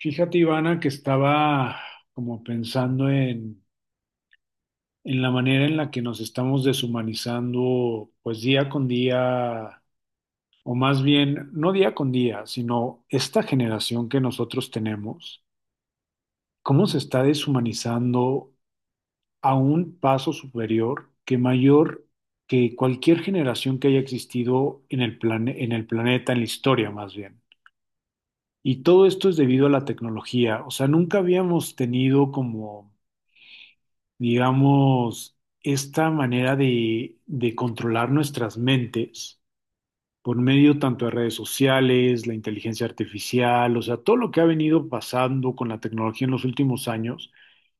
Fíjate, Ivana, que estaba como pensando en la manera en la que nos estamos deshumanizando, pues día con día, o más bien, no día con día, sino esta generación que nosotros tenemos, cómo se está deshumanizando a un paso superior que mayor que cualquier generación que haya existido en el en el planeta, en la historia más bien. Y todo esto es debido a la tecnología, o sea, nunca habíamos tenido como digamos, esta manera de controlar nuestras mentes por medio tanto de redes sociales, la inteligencia artificial, o sea, todo lo que ha venido pasando con la tecnología en los últimos años,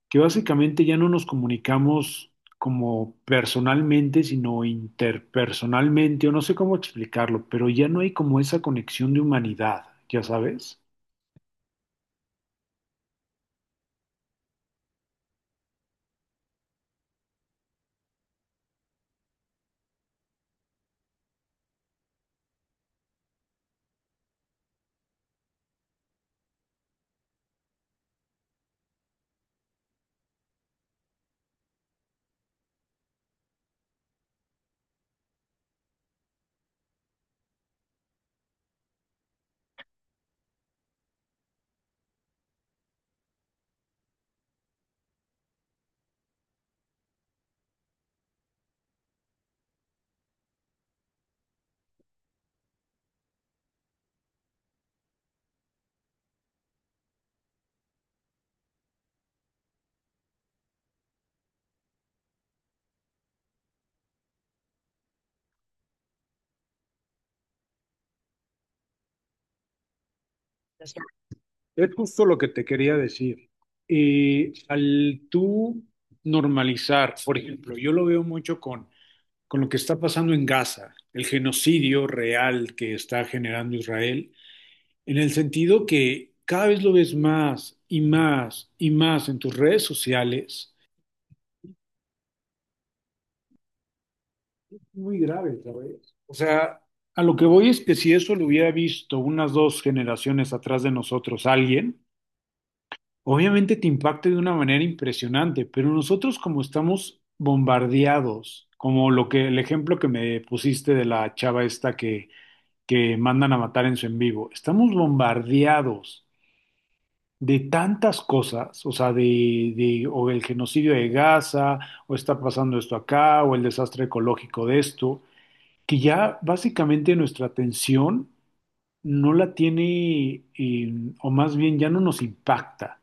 que básicamente ya no nos comunicamos como personalmente, sino interpersonalmente, o no sé cómo explicarlo, pero ya no hay como esa conexión de humanidad, ya sabes. Es justo lo que te quería decir. Y al tú normalizar, por ejemplo, yo lo veo mucho con lo que está pasando en Gaza, el genocidio real que está generando Israel, en el sentido que cada vez lo ves más y más y más en tus redes sociales. Muy grave, ¿sabes? O sea, a lo que voy es que si eso lo hubiera visto unas dos generaciones atrás de nosotros alguien, obviamente te impacta de una manera impresionante, pero nosotros como estamos bombardeados, como lo que el ejemplo que me pusiste de la chava esta que mandan a matar en su en vivo, estamos bombardeados de tantas cosas, o sea, de o el genocidio de Gaza, o está pasando esto acá, o el desastre ecológico de esto, que ya básicamente nuestra atención no la tiene, o más bien ya no nos impacta.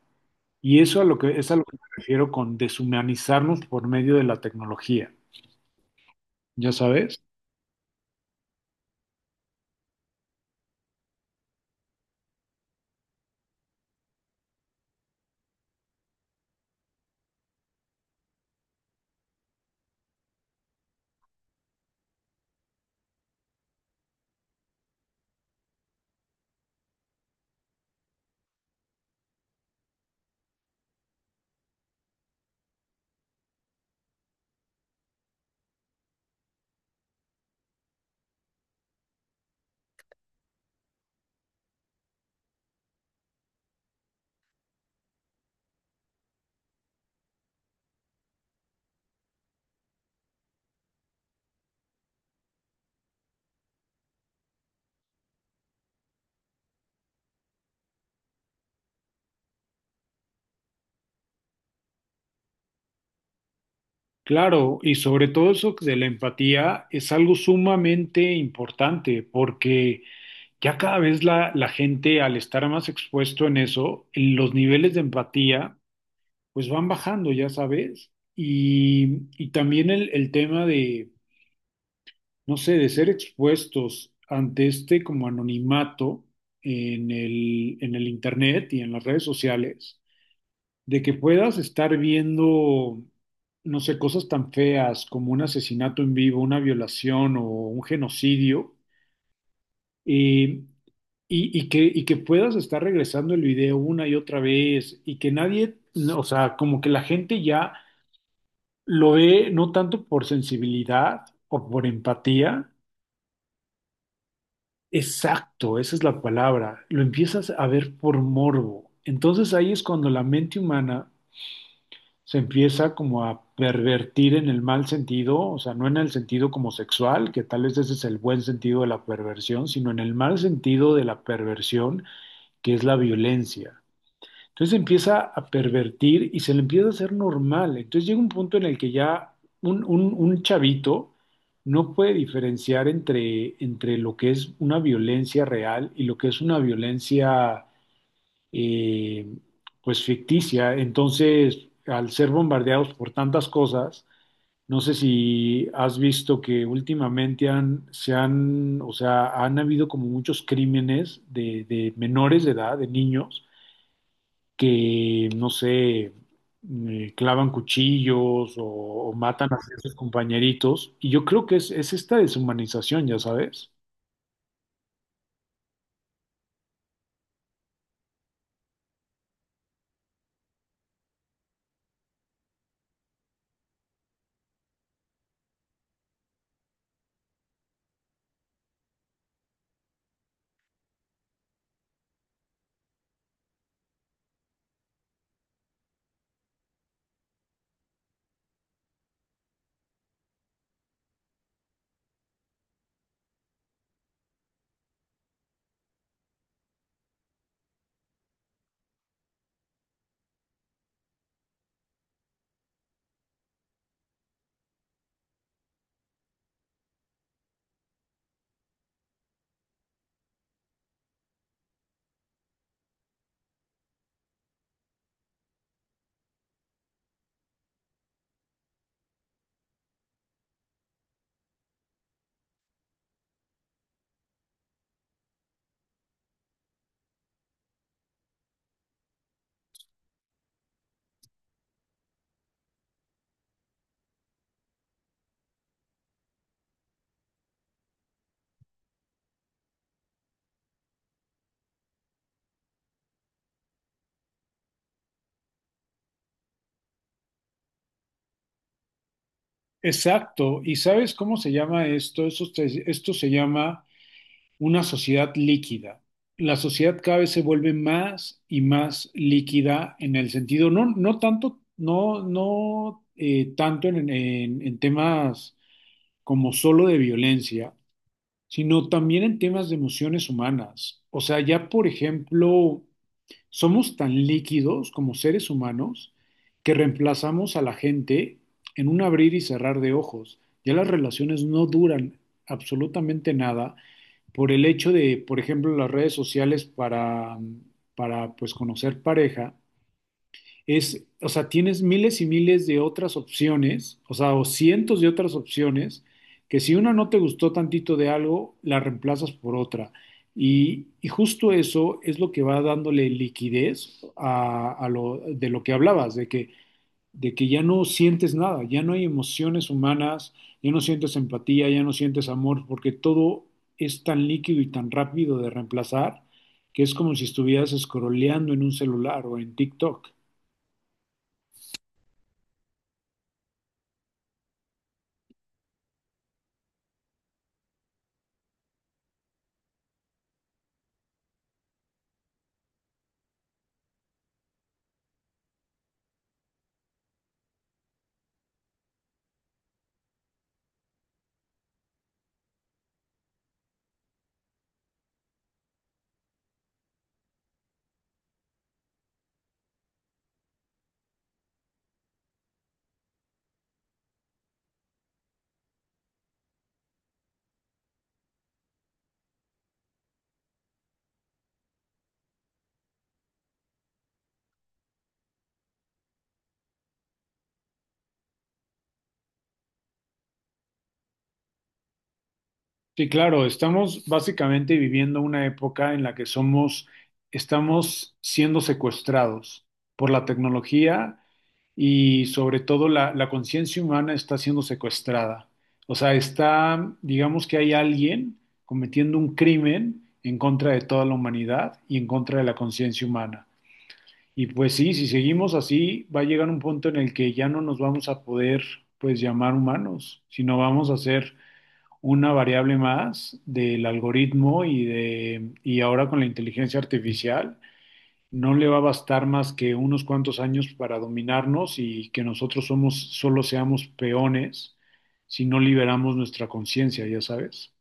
Y eso a lo que, es a lo que me refiero con deshumanizarnos por medio de la tecnología, ¿ya sabes? Claro, y sobre todo eso de la empatía es algo sumamente importante porque ya cada vez la gente al estar más expuesto en eso, los niveles de empatía pues van bajando, ya sabes. Y también el tema de, no sé, de ser expuestos ante este como anonimato en el internet y en las redes sociales de que puedas estar viendo, no sé, cosas tan feas como un asesinato en vivo, una violación o un genocidio, eh, y que puedas estar regresando el video una y otra vez, y que nadie, no, o sea, como que la gente ya lo ve no tanto por sensibilidad o por empatía, exacto, esa es la palabra, lo empiezas a ver por morbo. Entonces ahí es cuando la mente humana se empieza como a pervertir en el mal sentido, o sea, no en el sentido como sexual, que tal vez ese es el buen sentido de la perversión, sino en el mal sentido de la perversión, que es la violencia. Entonces empieza a pervertir y se le empieza a hacer normal. Entonces llega un punto en el que ya un chavito no puede diferenciar entre lo que es una violencia real y lo que es una violencia eh, pues ficticia. Entonces, al ser bombardeados por tantas cosas, no sé si has visto que últimamente han, se han, o sea, han habido como muchos crímenes de menores de edad, de niños, que, no sé, clavan cuchillos o matan a sus compañeritos. Y yo creo que es esta deshumanización, ya sabes. Exacto. ¿Y sabes cómo se llama esto? Esto, esto se llama una sociedad líquida. La sociedad cada vez se vuelve más y más líquida en el sentido, no, no tanto, no, no tanto en, en temas como solo de violencia, sino también en temas de emociones humanas. O sea, ya por ejemplo, somos tan líquidos como seres humanos que reemplazamos a la gente en un abrir y cerrar de ojos. Ya las relaciones no duran absolutamente nada por el hecho de, por ejemplo, las redes sociales para pues conocer pareja, es, o sea, tienes miles y miles de otras opciones, o sea, o cientos de otras opciones, que si una no te gustó tantito de algo, la reemplazas por otra. Y justo eso es lo que va dándole liquidez de lo que hablabas, de que ya no sientes nada, ya no hay emociones humanas, ya no sientes empatía, ya no sientes amor, porque todo es tan líquido y tan rápido de reemplazar que es como si estuvieras scrolleando en un celular o en TikTok. Sí, claro, estamos básicamente viviendo una época en la que somos, estamos siendo secuestrados por la tecnología y sobre todo la conciencia humana está siendo secuestrada. O sea, está, digamos que hay alguien cometiendo un crimen en contra de toda la humanidad y en contra de la conciencia humana. Y pues sí, si seguimos así, va a llegar un punto en el que ya no nos vamos a poder, pues, llamar humanos, sino vamos a ser una variable más del algoritmo y de y ahora con la inteligencia artificial no le va a bastar más que unos cuantos años para dominarnos y que nosotros somos solo seamos peones si no liberamos nuestra conciencia, ya sabes.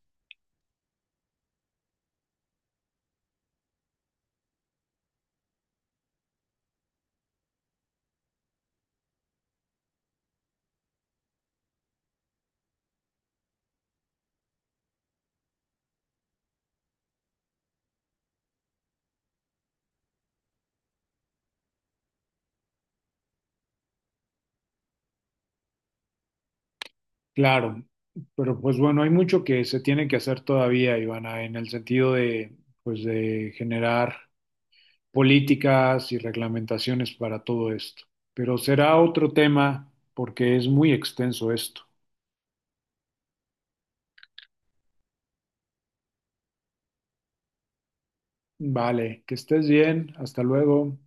Claro, pero pues bueno, hay mucho que se tiene que hacer todavía, Ivana, en el sentido de pues de generar políticas y reglamentaciones para todo esto. Pero será otro tema porque es muy extenso esto. Vale, que estés bien. Hasta luego.